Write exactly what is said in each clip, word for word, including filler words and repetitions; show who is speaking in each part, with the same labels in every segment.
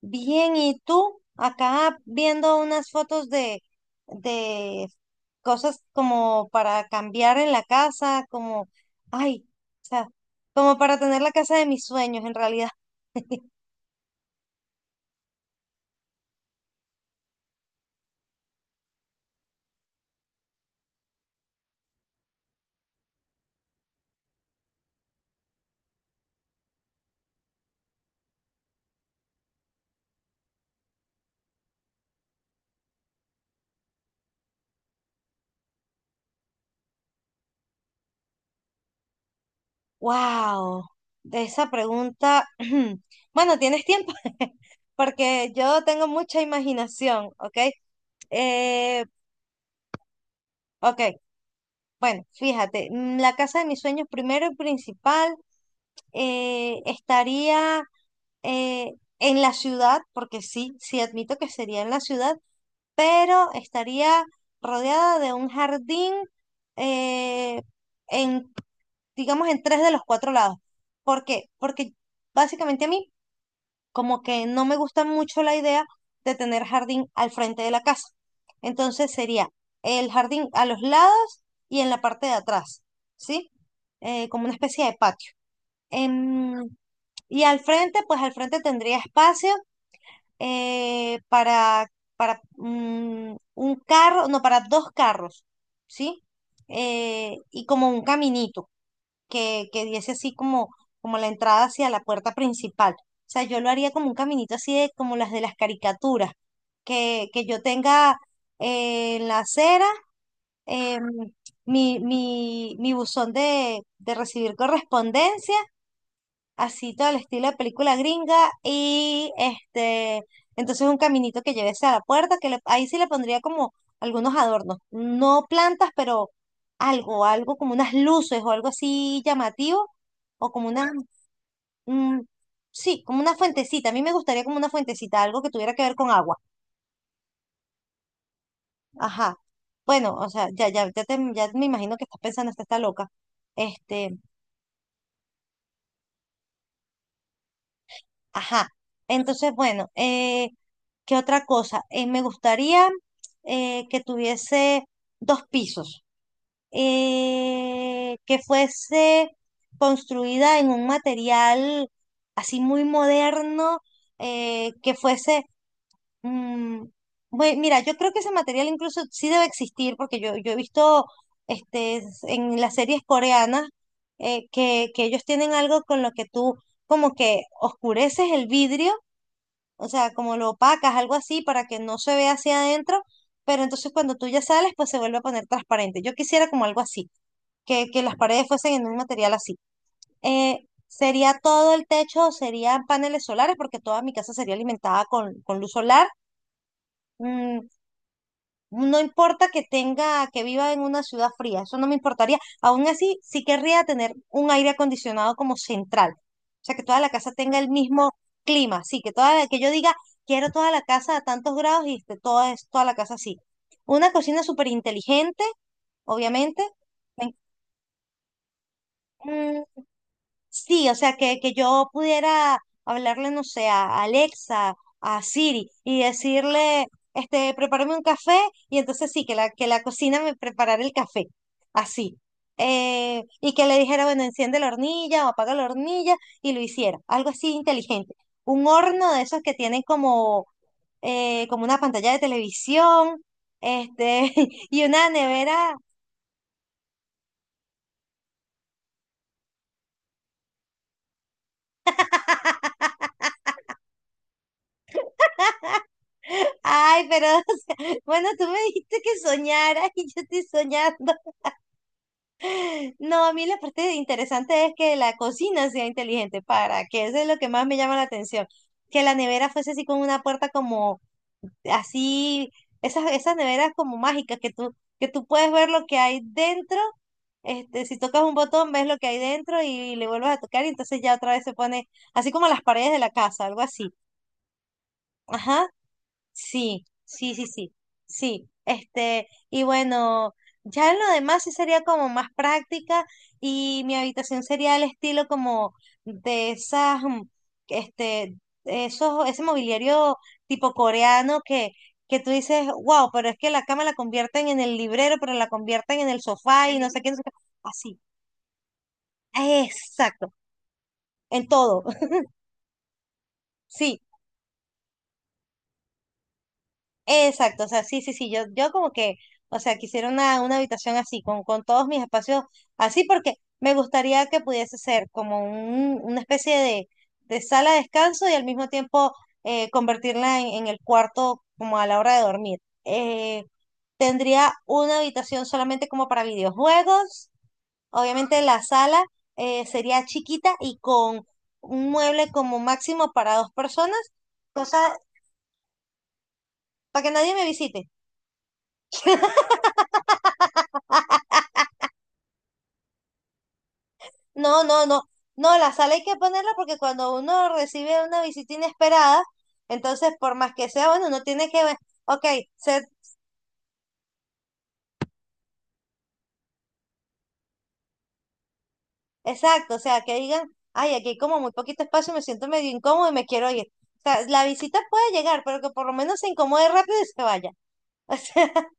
Speaker 1: Bien, ¿y tú? Acá viendo unas fotos de, de cosas como para cambiar en la casa, como, ay, o sea, como para tener la casa de mis sueños en realidad. Wow, de esa pregunta. Bueno, tienes tiempo, porque yo tengo mucha imaginación, ¿ok? Eh, ok, bueno, fíjate, mm, la casa de mis sueños primero y principal eh, estaría eh, en la ciudad, porque sí, sí admito que sería en la ciudad, pero estaría rodeada de un jardín eh, en, digamos, en tres de los cuatro lados. ¿Por qué? Porque básicamente a mí como que no me gusta mucho la idea de tener jardín al frente de la casa. Entonces sería el jardín a los lados y en la parte de atrás, ¿sí? Eh, como una especie de patio. Em, y al frente, pues al frente tendría espacio eh, para, para mm, un carro, no, para dos carros, ¿sí? Eh, y como un caminito que, que diese así como, como la entrada hacia la puerta principal. O sea, yo lo haría como un caminito así de, como las de las caricaturas, que, que yo tenga eh, en la acera em, mi, mi, mi buzón de, de recibir correspondencia así todo el estilo de película gringa y este, entonces un caminito que llevese a la puerta, que le- ahí sí le pondría como algunos adornos, no plantas, pero algo, algo como unas luces o algo así llamativo, o como una, mm, sí, como una fuentecita, a mí me gustaría como una fuentecita, algo que tuviera que ver con agua, ajá. Bueno, o sea, ya, ya, ya, te- ya me imagino que estás pensando, esta está loca. Este, ajá. Entonces, bueno, eh, ¿qué otra cosa? Eh, me gustaría eh, que tuviese dos pisos, eh, que fuese construida en un material así muy moderno. Eh, que fuese... mm, bue- Mira, yo creo que ese material incluso sí debe existir, porque yo, yo he visto este, s- en las series coreanas eh, que, que ellos tienen algo con lo que tú como que oscureces el vidrio, o sea, como lo opacas, algo así, para que no se vea hacia adentro, pero entonces cuando tú ya sales, pues se vuelve a poner transparente. Yo quisiera como algo así, que, que las paredes fuesen en un material así. Eh, ¿sería todo el techo, o serían paneles solares? Porque toda mi casa sería alimentada con, con luz solar. Mm, no importa que tenga, que viva en una ciudad fría, eso no me importaría. Aún así, sí querría tener un aire acondicionado como central. O sea, que toda la casa tenga el mismo clima. Sí, que toda la- que yo diga, quiero toda la casa a tantos grados y esté toda, es- toda la casa así. Una cocina súper inteligente, obviamente. Sí, o sea, que, que yo pudiera hablarle, no sé, a Alexa, a Siri, y decirle, este, prepárame un café, y entonces sí, que la, que la cocina me preparara el café, así. Eh, y que le dijera, bueno, enciende la hornilla o apaga la hornilla, y lo hiciera, algo así inteligente. Un horno de esos que tienen como, eh, como una pantalla de televisión, este, y una nevera. Ay, pero, o sea, bueno, tú me dijiste que soñara y yo estoy soñando. No, a mí la parte interesante es que la cocina sea inteligente, para que eso es lo que más me llama la atención. Que la nevera fuese así con una puerta como así, esas, esas neveras como mágicas que tú, que tú puedes ver lo que hay dentro. Este, si tocas un botón, ves lo que hay dentro y le vuelves a tocar y entonces ya otra vez se pone así como las paredes de la casa, algo así. Ajá. Sí, sí, sí, sí, sí. Este, y bueno, ya en lo demás sí sería como más práctica y mi habitación sería el estilo como de esas, mm, este, esos, ese mobiliario tipo coreano que, que tú dices, wow, pero es que la cama la convierten en el librero, pero la convierten en el sofá y no sé qué, no sé qué". Así, exacto, en todo, sí. Exacto, o sea, sí, sí, sí, yo, yo como que, o sea, quisiera una, una habitación así, con, con todos mis espacios así, porque me gustaría que pudiese ser como un, una especie de, de sala de descanso y al mismo tiempo eh, convertirla en, en el cuarto como a la hora de dormir. Eh, tendría una habitación solamente como para videojuegos, obviamente la sala eh, sería chiquita y con un mueble como máximo para dos personas, cosa para que nadie me visite. No, no, no. No, la sal hay que ponerla porque cuando uno recibe una visita inesperada, entonces por más que sea, bueno, uno tiene que ver, ok, ser exacto, o sea, que digan, ay, aquí hay como muy poquito espacio, me siento medio incómodo y me quiero ir. O sea, la visita puede llegar, pero que por lo menos se incomode rápido y se vaya.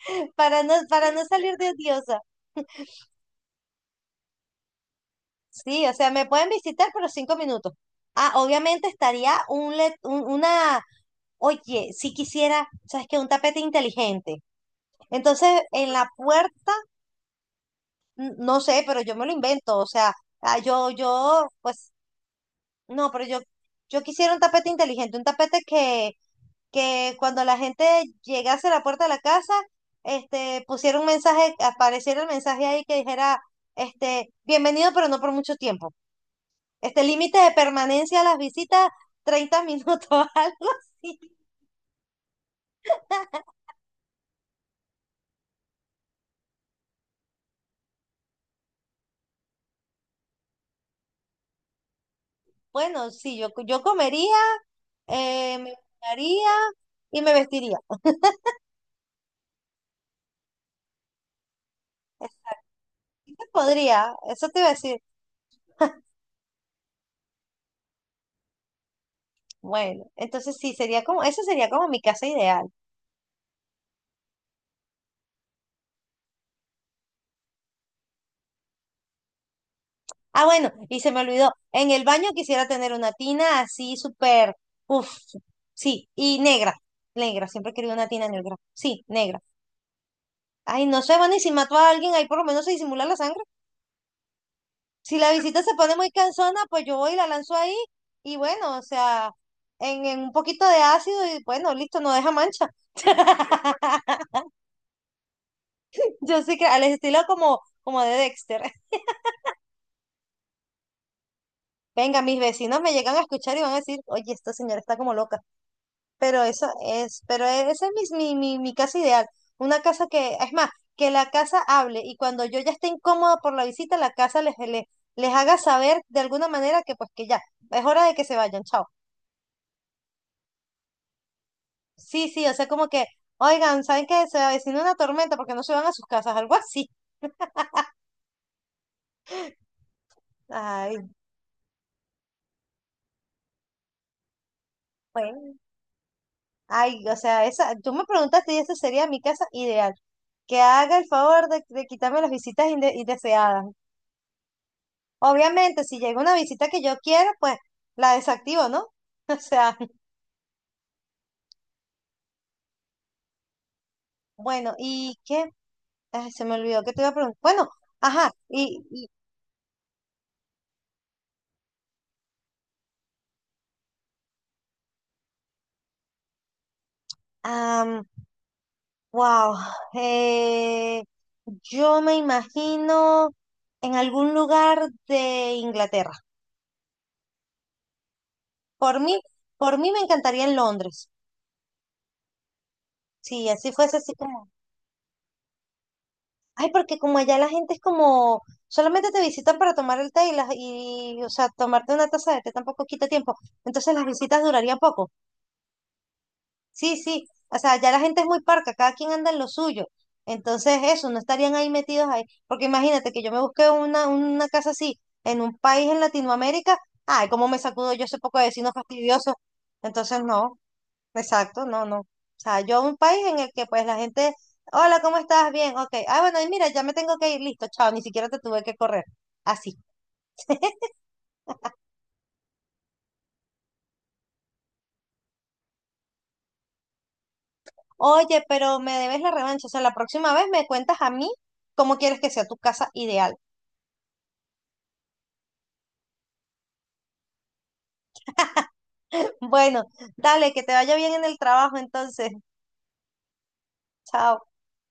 Speaker 1: O sea, para no, para no salir de odiosa. Sí, o sea, me pueden visitar, pero cinco minutos. Ah, obviamente estaría un, let- un- una, oye, si quisiera, ¿sabes qué? Un tapete inteligente. Entonces, en la puerta, n- no sé, pero yo me lo invento, o sea, ah, yo, yo, pues, no, pero yo, yo quisiera un tapete inteligente, un tapete que, que cuando la gente llegase a la puerta de la casa, este, pusiera un mensaje, apareciera el mensaje ahí que dijera, este, bienvenido, pero no por mucho tiempo. Este límite de permanencia a las visitas, treinta minutos, algo así. Bueno, sí, yo, yo comería, eh, me bañaría y me vestiría. Sí se podría, eso te iba a decir. Bueno, entonces sí, sería como, eso sería como mi casa ideal. Ah, bueno, y se me olvidó, en el baño quisiera tener una tina así súper, uff, sí, y negra, negra, siempre he querido una tina negra, sí, negra. Ay, no sé, bueno, y si mato a alguien, ahí por lo menos se disimula la sangre. Si la visita se pone muy cansona, pues yo voy y la lanzo ahí, y bueno, o sea, en, en un poquito de ácido, y bueno, listo, no deja mancha. Yo sí que al estilo como, como de Dexter. Venga, mis vecinos me llegan a escuchar y van a decir, oye, esta señora está como loca. Pero eso es, pero esa es mi, mi, mi, mi casa ideal. Una casa que, es más, que la casa hable y cuando yo ya esté incómoda por la visita, la casa les, les, les haga saber de alguna manera que pues que ya, es hora de que se vayan, chao. Sí, sí, o sea, como que, oigan, ¿saben que se avecina una tormenta porque no se van a sus casas? Algo así. Ay, bueno. Ay, o sea, esa, tú me preguntaste y esa sería mi casa ideal. Que haga el favor de, de quitarme las visitas inde- indeseadas. Obviamente, si llega una visita que yo quiero, pues la desactivo, ¿no? O sea, bueno, ¿y qué? Ay, se me olvidó que te iba a preguntar. Bueno, ajá, y, y am, wow, eh, yo me imagino en algún lugar de Inglaterra. Por mí, por mí me encantaría en Londres. Si así fuese así como. Ay, porque como allá la gente es como, solamente te visitan para tomar el té y, las, y o sea, tomarte una taza de té tampoco quita tiempo. Entonces las visitas durarían poco. Sí, sí. O sea, allá la gente es muy parca, cada quien anda en lo suyo. Entonces eso, no estarían ahí metidos ahí. Porque imagínate que yo me busqué una, una casa así en un país en Latinoamérica. Ay, cómo me sacudo yo ese poco de vecinos fastidiosos. Entonces no. Exacto, no, no. O sea, yo a un país en el que pues la gente, hola, ¿cómo estás? Bien, ok. Ah, bueno, y mira, ya me tengo que ir, listo, chao, ni siquiera te tuve que correr. Así. Oye, pero me debes la revancha, o sea, la próxima vez me cuentas a mí cómo quieres que sea tu casa ideal. Bueno, dale, que te vaya bien en el trabajo entonces, chao.